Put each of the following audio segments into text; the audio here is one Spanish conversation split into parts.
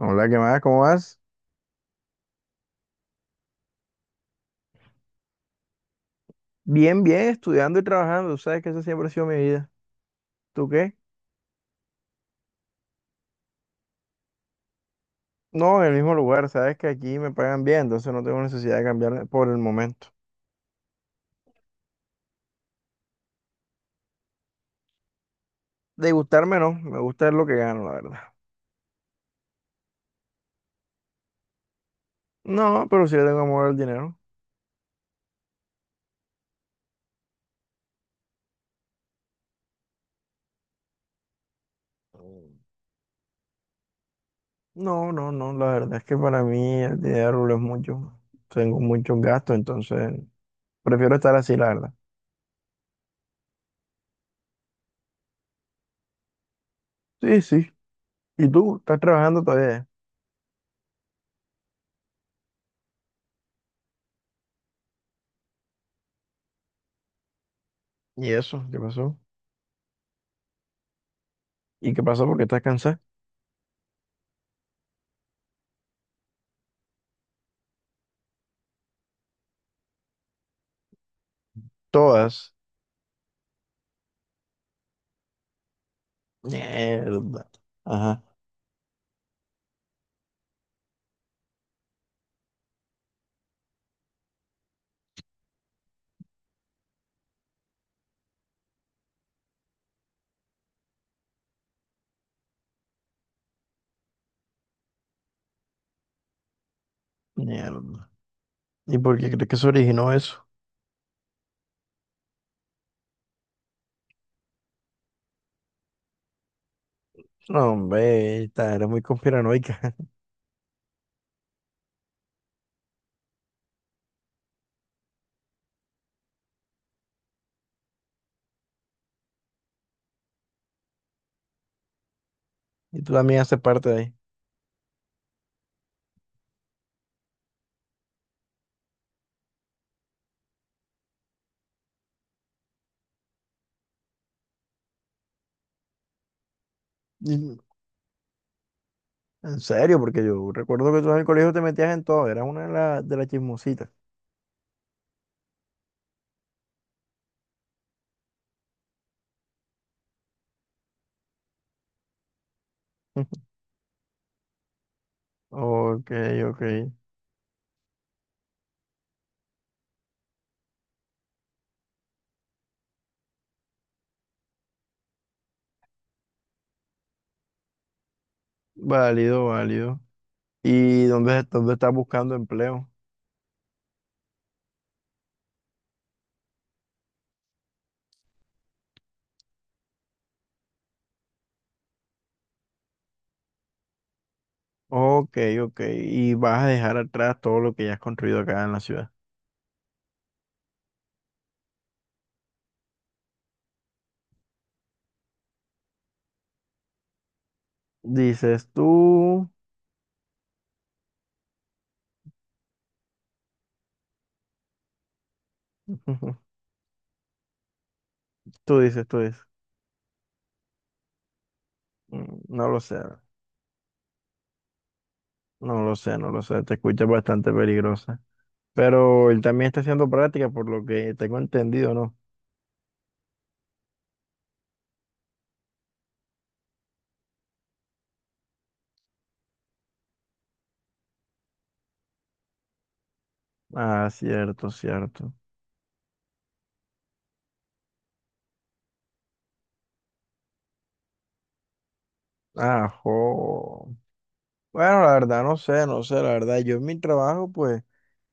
Hola, ¿qué más? ¿Cómo vas? Bien, bien, estudiando y trabajando. Tú sabes que esa siempre ha sido mi vida. ¿Tú qué? No, en el mismo lugar. Sabes que aquí me pagan bien, entonces no tengo necesidad de cambiar por el momento. De gustarme no, me gusta es lo que gano, la verdad. No, pero sí le tengo amor al dinero. Mm. No, no, no, la verdad es que para mí el dinero lo es mucho. Tengo muchos gastos, entonces prefiero estar así, la verdad. Sí, sí. ¿Y tú? ¿Estás trabajando todavía? ¿Y eso? ¿Qué pasó? ¿Y qué pasó? ¿Por qué estás cansada? Todas. Mierda. Ajá, mierda. ¿Y por qué crees que se originó eso? No, hombre, esta era muy conspiranoica. Y tú también haces parte de ahí. Y- En serio, porque yo recuerdo que tú en el colegio te metías en todo. Eras una de las chismositas. Ok, ok. Válido, válido. ¿Y dónde estás buscando empleo? Ok, ok. Y vas a dejar atrás todo lo que ya has construido acá en la ciudad. Dices tú. Tú dices, tú dices. Mm, no lo sé. No lo sé, no lo sé, te escucha bastante peligrosa. Pero él también está haciendo práctica, por lo que tengo entendido, ¿no? Ah, cierto, cierto. Ajo. Bueno, la verdad, no sé, no sé, la verdad. Yo en mi trabajo, pues,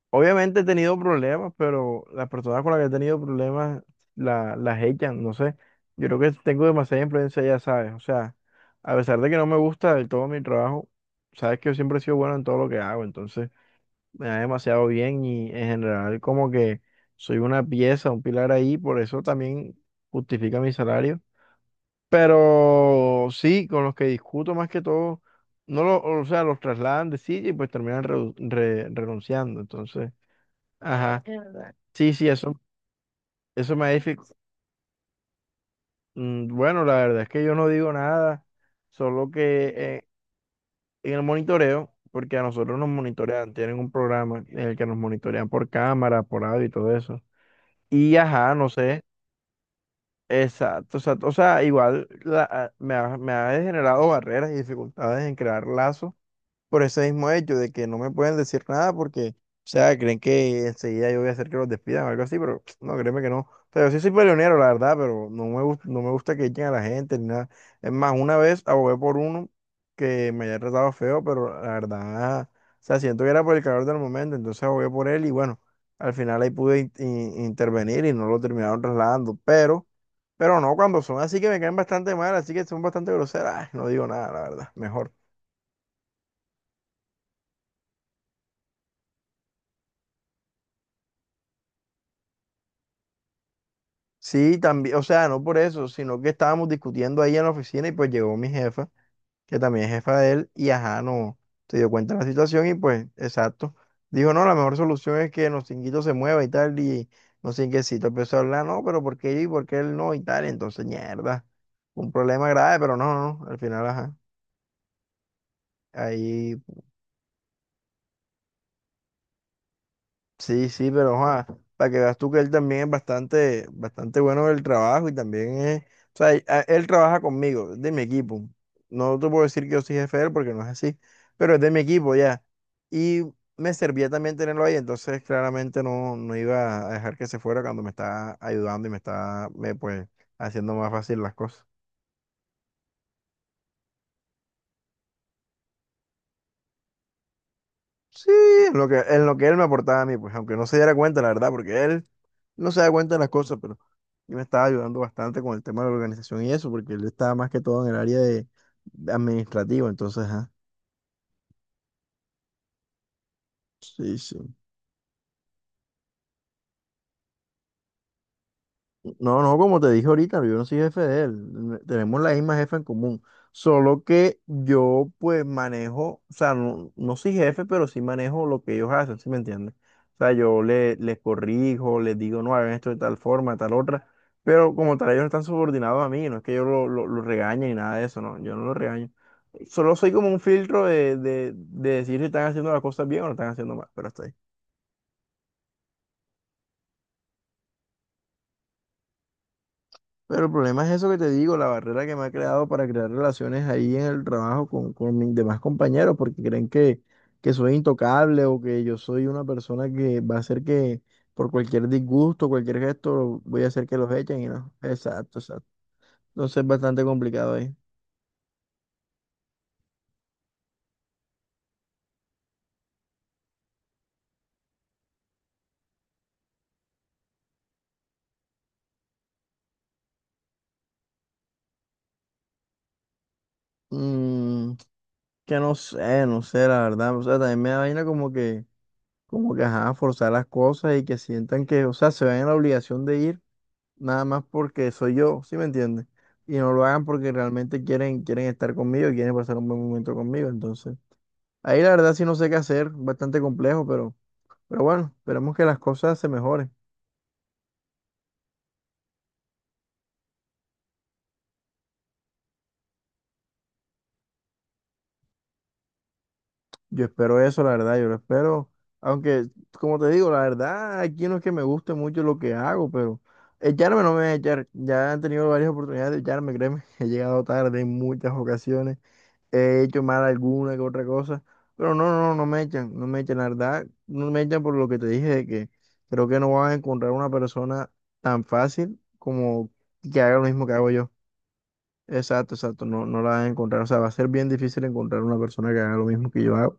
obviamente he tenido problemas, pero las personas con las que he tenido problemas las echan, no sé. Yo creo que tengo demasiada influencia, ya sabes. O sea, a pesar de que no me gusta del todo mi trabajo, sabes que yo siempre he sido bueno en todo lo que hago, entonces me da demasiado bien y en general como que soy una pieza, un pilar ahí, por eso también justifica mi salario. Pero sí, con los que discuto más que todo, no lo, o sea, los trasladan de sitio y pues terminan renunciando. Entonces, ajá. Es verdad. Sí, sí, eso, eso me ha dific- bueno, la verdad es que yo no digo nada, solo que eh, en el monitoreo, porque a nosotros nos monitorean, tienen un programa en el que nos monitorean por cámara, por audio y todo eso. Y ajá, no sé. Exacto, exacto. O sea, me ha generado barreras y dificultades en crear lazos por ese mismo hecho de que no me pueden decir nada porque, o sea, creen que enseguida yo voy a hacer que los despidan o algo así, pero no, créeme que no. O sea, yo sí soy peleonero, la verdad, pero no me gusta, no me gusta que echen a la gente ni nada. Es más, una vez abogué por uno que me había tratado feo, pero la verdad, o sea, siento que era por el calor del momento, entonces abogué por él y bueno, al final ahí pude intervenir y no lo terminaron trasladando, pero no, cuando son así que me caen bastante mal, así que son bastante groseras, ay, no digo nada, la verdad, mejor. Sí, también, o sea, no por eso, sino que estábamos discutiendo ahí en la oficina y pues llegó mi jefa, que también es jefa de él, y ajá, no, se dio cuenta de la situación y pues, exacto, dijo, no, la mejor solución es que Nocinguito se mueva y tal, y Nocinguecito empezó a hablar, no, pero ¿por qué yo y por qué él no y tal? Entonces, mierda, un problema grave, pero no, no, no, al final, ajá, ahí. Sí, sí, pero para que veas tú que él también es bastante, bastante bueno en el trabajo y también es, o sea, él trabaja conmigo, es de mi equipo. No te puedo decir que yo soy jefe de él porque no es así, pero es de mi equipo ya. Y me servía también tenerlo ahí, entonces claramente no, no iba a dejar que se fuera cuando me está ayudando y me está, me, pues, haciendo más fácil las cosas. Sí, en en lo que él me aportaba a mí, pues, aunque no se diera cuenta, la verdad, porque él no se da cuenta de las cosas, pero yo me estaba ayudando bastante con el tema de la organización y eso, porque él estaba más que todo en el área de administrativo, entonces, ajá. Sí, sí. No, no, como te dije ahorita, yo no soy jefe de él. Tenemos la misma jefa en común. Solo que yo, pues, manejo, o sea, no, no soy jefe, pero sí manejo lo que ellos hacen, ¿sí me entiendes? O sea, les corrijo, les digo, no, hagan esto de tal forma, de tal otra. Pero como tal, ellos no están subordinados a mí, no es que yo lo regañe ni nada de eso, no, yo no lo regaño. Solo soy como un filtro de decir si están haciendo las cosas bien o no están haciendo mal, pero hasta ahí. Pero el problema es eso que te digo, la barrera que me ha creado para crear relaciones ahí en el trabajo con mis demás compañeros, porque creen que soy intocable o que yo soy una persona que va a hacer que por cualquier disgusto, cualquier gesto, voy a hacer que los echen y no. Exacto, exacto. Entonces es bastante complicado ahí. Mm, que no sé, no sé, la verdad. O sea, también me da vaina como que ajá, forzar las cosas y que sientan que, o sea, se ven en la obligación de ir, nada más porque soy yo, ¿sí me entiendes? Y no lo hagan porque realmente quieren, quieren estar conmigo y quieren pasar un buen momento conmigo. Entonces, ahí la verdad sí no sé qué hacer, bastante complejo, pero bueno, esperemos que las cosas se mejoren. Yo espero eso, la verdad, yo lo espero. Aunque, como te digo, la verdad, aquí no es que me guste mucho lo que hago, pero echarme no me voy a echar. Ya han tenido varias oportunidades de echarme, créeme, he llegado tarde en muchas ocasiones. He hecho mal alguna que otra cosa, pero no, no, no me echan, no me echan, la verdad, no me echan por lo que te dije de que creo que no vas a encontrar una persona tan fácil como que haga lo mismo que hago yo. Exacto, exacto, no, no la vas a encontrar, o sea, va a ser bien difícil encontrar una persona que haga lo mismo que yo hago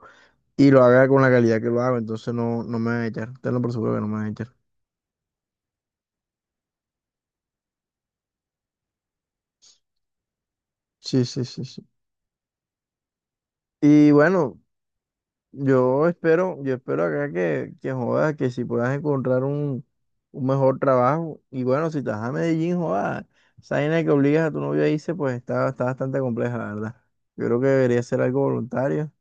y lo haga con la calidad que lo hago, entonces no, no me van a echar, tenlo por seguro que no me van a echar. Sí, sí, sí, sí. Y bueno, yo espero, yo espero acá que jodas, que si puedas encontrar un mejor trabajo. Y bueno, si estás a Medellín, jodas, esa vaina que obligas a tu novio a irse, pues está, está bastante compleja, la verdad. Yo creo que debería ser algo voluntario.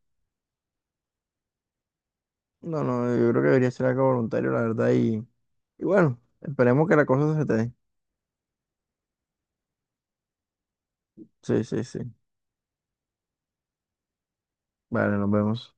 No, no, yo creo que debería ser algo voluntario, la verdad. Y bueno, esperemos que la cosa se te dé. Sí, sí, sí. Vale, nos vemos.